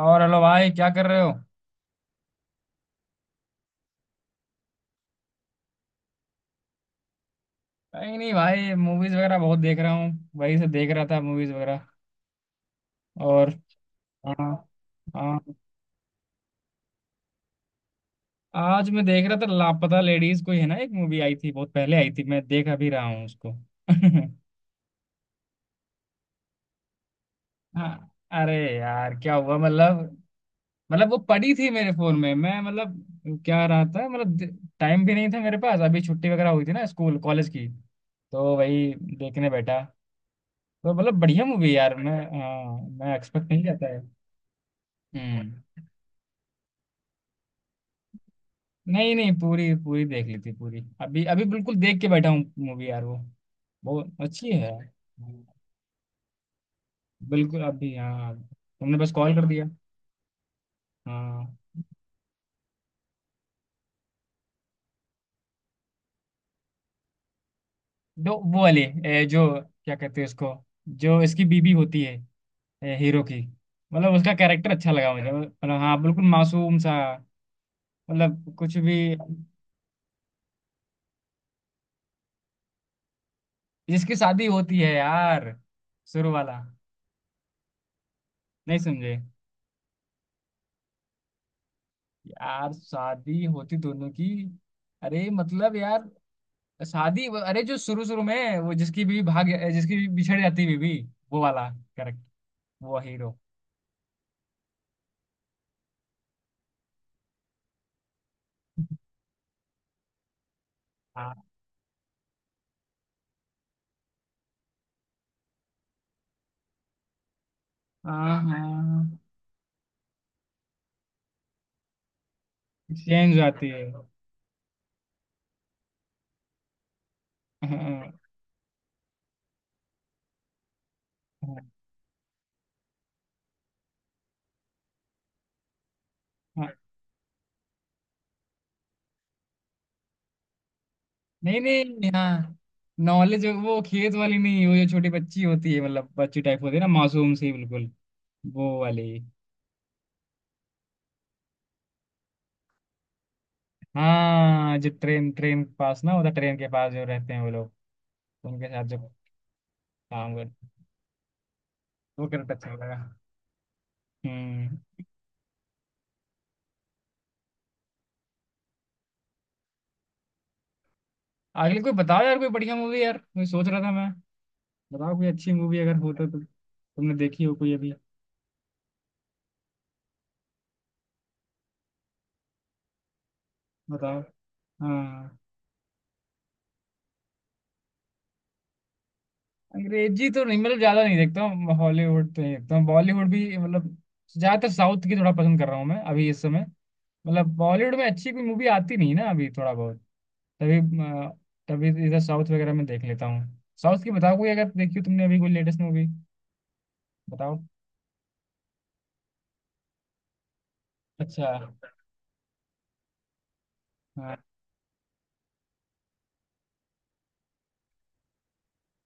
और हेलो भाई, क्या कर रहे हो? कहीं नहीं भाई, मूवीज वगैरह बहुत देख रहा हूँ। वही से देख रहा था, मूवीज वगैरह। और हाँ। हाँ, आज मैं देख रहा था लापता लेडीज। कोई है ना, एक मूवी आई थी, बहुत पहले आई थी, मैं देख अभी रहा हूँ उसको। हाँ। अरे यार, क्या हुआ मतलब वो पड़ी थी मेरे फोन में, मैं मतलब क्या रहा था, मतलब टाइम भी नहीं था मेरे पास। अभी छुट्टी वगैरह हुई थी ना स्कूल कॉलेज की, तो वही देखने बैठा। तो मतलब बढ़िया मूवी यार, मैं हाँ मैं एक्सपेक्ट नहीं करता है। हम्म। नहीं नहीं, पूरी पूरी देख ली थी, पूरी अभी अभी बिल्कुल देख के बैठा हूँ मूवी यार। वो बहुत अच्छी है यार। बिल्कुल अभी, हाँ, तुमने बस कॉल कर दिया। हाँ। दो वो वाली जो क्या कहते हैं उसको, जो इसकी बीबी होती है, हीरो की। मतलब उसका कैरेक्टर अच्छा लगा मुझे, मतलब हाँ बिल्कुल मासूम सा, मतलब कुछ भी। जिसकी शादी होती है यार, शुरू वाला। नहीं समझे? यार शादी होती दोनों की। अरे मतलब यार, शादी अरे जो शुरू शुरू में वो जिसकी भी भाग, जिसकी भी बिछड़ जाती बीवी, वो वाला। करेक्ट, वो हीरो। हाँ हाँ हाँ, चेंज हो जाती है, हाँ। हाँ हाँ। नहीं नहीं, हाँ। नॉलेज वो खेत वाली नहीं, वो जो छोटी बच्ची होती है, मतलब बच्ची टाइप होती है ना, मासूम सी बिल्कुल, वो वाली। हाँ, जो ट्रेन ट्रेन के पास ना होता, ट्रेन के पास जो रहते हैं वो लोग, उनके साथ जो काम करते। वो करता अच्छा लगा। हम्म। आखिर कोई बताओ यार, कोई बढ़िया मूवी यार, मैं सोच रहा था, मैं बताओ, कोई अच्छी मूवी अगर हो तो, तुमने देखी हो कोई अभी, बताओ। हाँ। अंग्रेजी तो नहीं मतलब, ज्यादा नहीं देखता हूँ, हॉलीवुड तो नहीं देखता हूँ, बॉलीवुड भी मतलब ज्यादातर साउथ की थोड़ा पसंद कर रहा हूँ मैं अभी इस समय। मतलब बॉलीवुड में अच्छी कोई मूवी आती नहीं ना अभी, थोड़ा बहुत, तभी अ, तभी इधर साउथ वगैरह में देख लेता हूँ। साउथ की बताओ कोई अगर देखी हो तुमने अभी, कोई लेटेस्ट मूवी बताओ। अच्छा हाँ,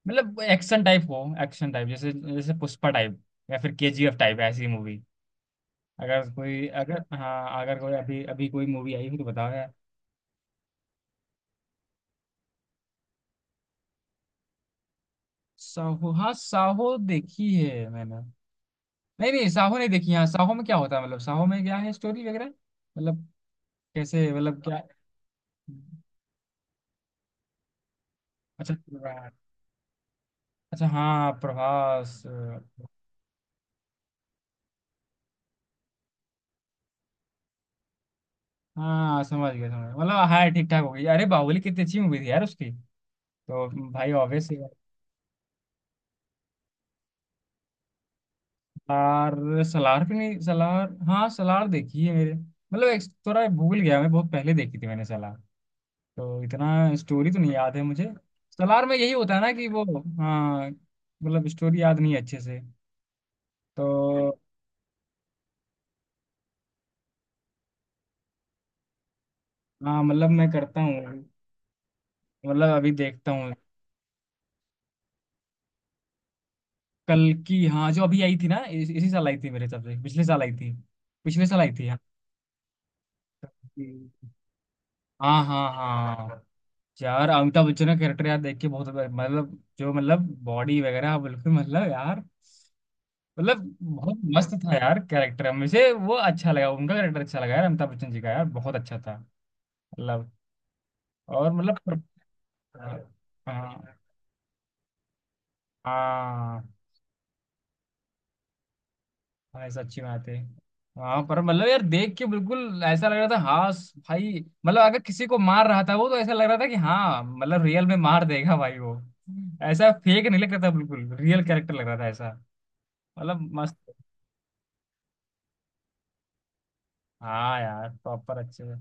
मतलब एक्शन टाइप हो, एक्शन टाइप जैसे जैसे पुष्पा टाइप या फिर केजीएफ टाइप ऐसी मूवी, अगर कोई, अगर हाँ अगर कोई अभी अभी कोई मूवी आई हो तो बताओ यार। साहो, हाँ साहो देखी है मैंने। नहीं नहीं, साहो नहीं देखी। हाँ, साहो में क्या होता है, मतलब साहो में क्या है स्टोरी वगैरह, मतलब कैसे, मतलब क्या। अच्छा अच्छा, हाँ प्रभास। हाँ समझ गया समझ गया, मतलब हाँ ठीक ठाक हो गई। अरे बाहुबली कितनी अच्छी मूवी थी यार उसकी, तो भाई ऑब्वियस। सलार। सलार भी नहीं, सलार हाँ, सलार देखी है मेरे, मतलब एक थोड़ा भूल गया मैं, बहुत पहले देखी थी मैंने सलार, तो इतना स्टोरी तो नहीं याद है मुझे। सलार में यही होता है ना कि वो, हाँ मतलब स्टोरी याद नहीं है अच्छे से, तो। हाँ मतलब मैं करता हूँ, मतलब अभी देखता हूँ। कल की, हाँ जो अभी आई थी ना, इसी साल आई थी मेरे हिसाब से, पिछले साल आई थी, पिछले साल आई थी हाँ। हम्म। हाँ हाँ हाँ। यार अमिताभ बच्चन का कैरेक्टर यार देख के बहुत, मतलब जो, मतलब बॉडी वगैरह, हाँ, बिल्कुल मतलब यार, मतलब बहुत मस्त था यार कैरेक्टर, मुझे वो अच्छा लगा, उनका कैरेक्टर अच्छा लगा यार अमिताभ बच्चन जी का यार बहुत अच्छा था, मतलब। और मतलब हाँ हाँ। भाई सच्ची बात है। हाँ पर मतलब यार देख के बिल्कुल ऐसा लग रहा था हाँ, भाई मतलब अगर किसी को मार रहा था वो, तो ऐसा लग रहा था कि हाँ मतलब रियल में मार देगा भाई वो। ऐसा फेक नहीं लग रहा था, बिल्कुल रियल कैरेक्टर लग रहा था ऐसा, मतलब मस्त। हाँ यार प्रॉपर अच्छे से।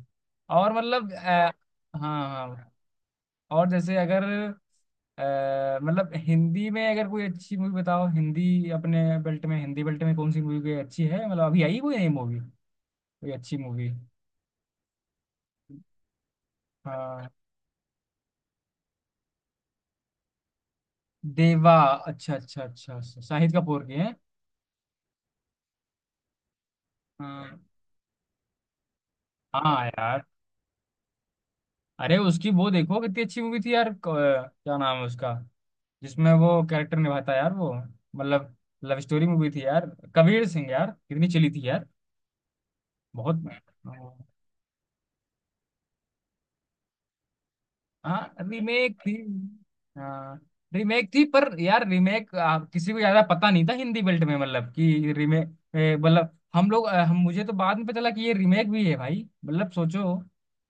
और हाँ हाँ। और जैसे अगर मतलब हिंदी में अगर कोई अच्छी मूवी बताओ, हिंदी अपने बेल्ट में, हिंदी बेल्ट में कौन सी मूवी कोई अच्छी है, मतलब अभी आई कोई नई मूवी, कोई अच्छी मूवी। हाँ। देवा, अच्छा अच्छा अच्छा अच्छा, शाहिद कपूर की है। हाँ हाँ यार, अरे उसकी वो देखो कितनी अच्छी मूवी थी यार क्या नाम है उसका, जिसमें वो कैरेक्टर निभाता है यार, वो मतलब लव स्टोरी मूवी थी यार, कबीर सिंह यार, कितनी चली थी यार, बहुत। हाँ रीमेक थी। हाँ रीमेक थी पर यार, रीमेक किसी को ज्यादा पता नहीं था हिंदी बेल्ट में, मतलब कि रीमेक, मतलब हम लोग हम मुझे तो बाद में पता चला कि ये रीमेक भी है भाई, मतलब सोचो।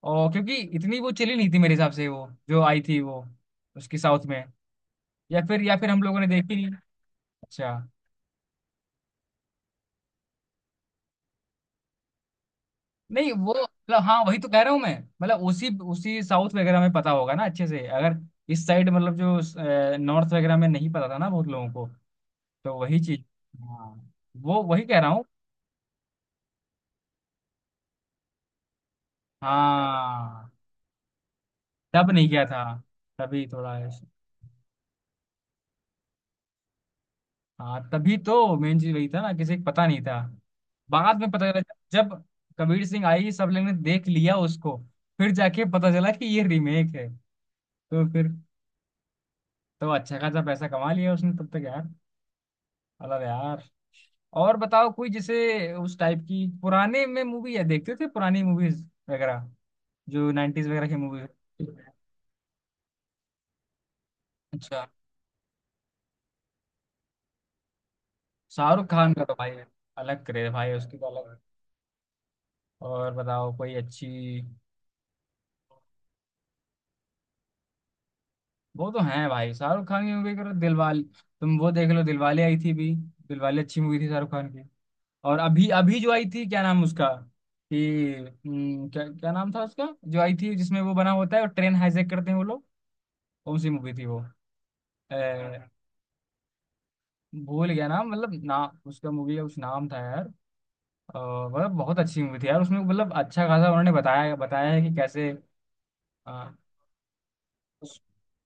और क्योंकि इतनी वो चली नहीं थी मेरे हिसाब से, वो जो आई थी वो, उसकी साउथ में, या फिर हम लोगों ने देखी नहीं। अच्छा। नहीं वो मतलब हाँ, वही तो कह रहा हूँ मैं, मतलब उसी उसी साउथ वगैरह में पता होगा ना अच्छे से अगर, इस साइड मतलब जो नॉर्थ वगैरह में नहीं पता था ना बहुत लोगों को, तो वही चीज। हाँ, वो वही कह रहा हूँ। हाँ तब नहीं किया था, तभी थोड़ा हाँ, तभी तो मेन चीज वही था ना, किसी को पता नहीं था, बाद में पता चला जब कबीर सिंह आई, सब लोगों ने देख लिया उसको, फिर जाके पता चला कि ये रीमेक है। तो फिर, तो अच्छा खासा पैसा कमा लिया उसने तब तक यार, अलग यार। और बताओ कोई जैसे उस टाइप की, पुराने में मूवी है देखते थे पुरानी मूवीज वगैरह, जो नाइन्टीज वगैरह की मूवी। अच्छा, शाहरुख खान का तो भाई अलग क्रेज है भाई, उसकी तो अलग। और बताओ कोई अच्छी। वो तो है भाई, शाहरुख खान की मूवी करो दिलवाले, तुम वो देख लो, दिलवाले आई थी भी, दिलवाले अच्छी मूवी थी शाहरुख खान की। और अभी अभी जो आई थी क्या नाम उसका, कि क्या क्या नाम था उसका जो आई थी जिसमें वो बना होता है और ट्रेन हाईजैक करते हैं वो लोग, कौन सी मूवी थी वो। अ, भूल गया नाम, मतलब नाम उसका मूवी का कुछ नाम था यार, अ, मतलब बहुत अच्छी मूवी थी यार उसमें, मतलब अच्छा खासा उन्होंने बताया बताया है कि कैसे अ, उस,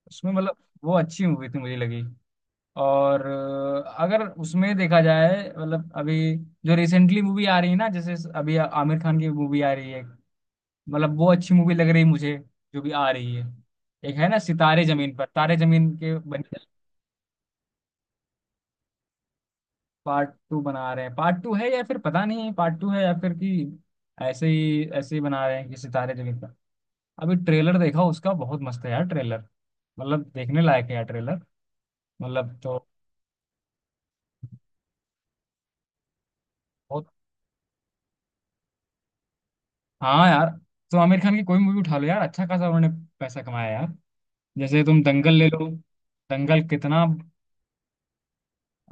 उसमें मतलब वो अच्छी मूवी थी मुझे लगी। और अगर उसमें देखा जाए मतलब, अभी जो रिसेंटली मूवी आ रही है ना, जैसे अभी आमिर खान की मूवी आ रही है, मतलब वो अच्छी मूवी लग रही है मुझे, जो भी आ रही है। एक है ना सितारे जमीन पर, तारे जमीन के बने पार्ट 2 बना रहे हैं, पार्ट 2 है या फिर पता नहीं, पार्ट 2 है या फिर कि ऐसे ही बना रहे हैं कि सितारे जमीन पर। अभी ट्रेलर देखा उसका बहुत मस्त है यार ट्रेलर, मतलब देखने लायक है यार ट्रेलर, मतलब तो, बहुत। हाँ यार, तो आमिर खान की कोई मूवी उठा लो यार, अच्छा खासा उन्होंने पैसा कमाया यार। जैसे तुम दंगल ले लो, दंगल कितना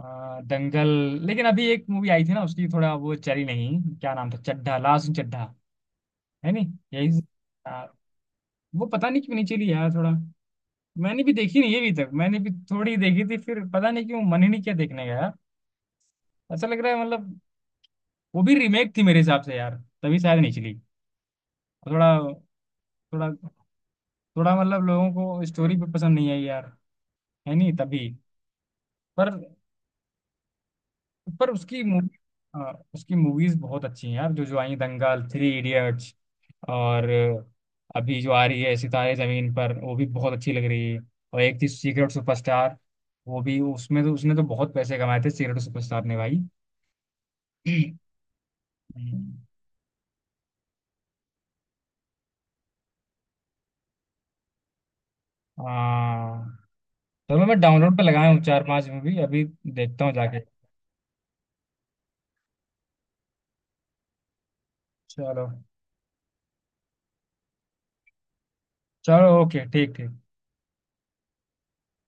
दंगल। लेकिन अभी एक मूवी आई थी ना उसकी, थोड़ा वो चली नहीं, क्या नाम था, चड्ढा, लास्ट चड्ढा, है नहीं, यही अ, वो पता नहीं क्यों नहीं चली यार थोड़ा। मैंने भी देखी नहीं अभी तक, मैंने भी थोड़ी ही देखी थी फिर, पता नहीं क्यों मन ही नहीं किया देखने का यार। ऐसा लग रहा है मतलब वो भी रीमेक थी मेरे हिसाब से यार, तभी शायद नहीं चली थोड़ा थोड़ा थोड़ा मतलब लोगों को स्टोरी भी पसंद नहीं आई यार, है नहीं तभी। पर पर उसकी मूवी, उसकी मूवीज बहुत अच्छी हैं यार, जो जो आई दंगल, 3 इडियट्स, और अभी जो आ रही है सितारे जमीन पर, वो भी बहुत अच्छी लग रही है। और एक थी सीक्रेट सुपरस्टार, वो भी उसमें तो उसने तो बहुत पैसे कमाए थे सीक्रेट सुपरस्टार ने भाई। हम्म। हाँ, चलो मैं डाउनलोड पे लगाया हूँ 4-5 मूवी अभी, देखता हूँ जाके। चलो, चलो ओके ठीक ठीक।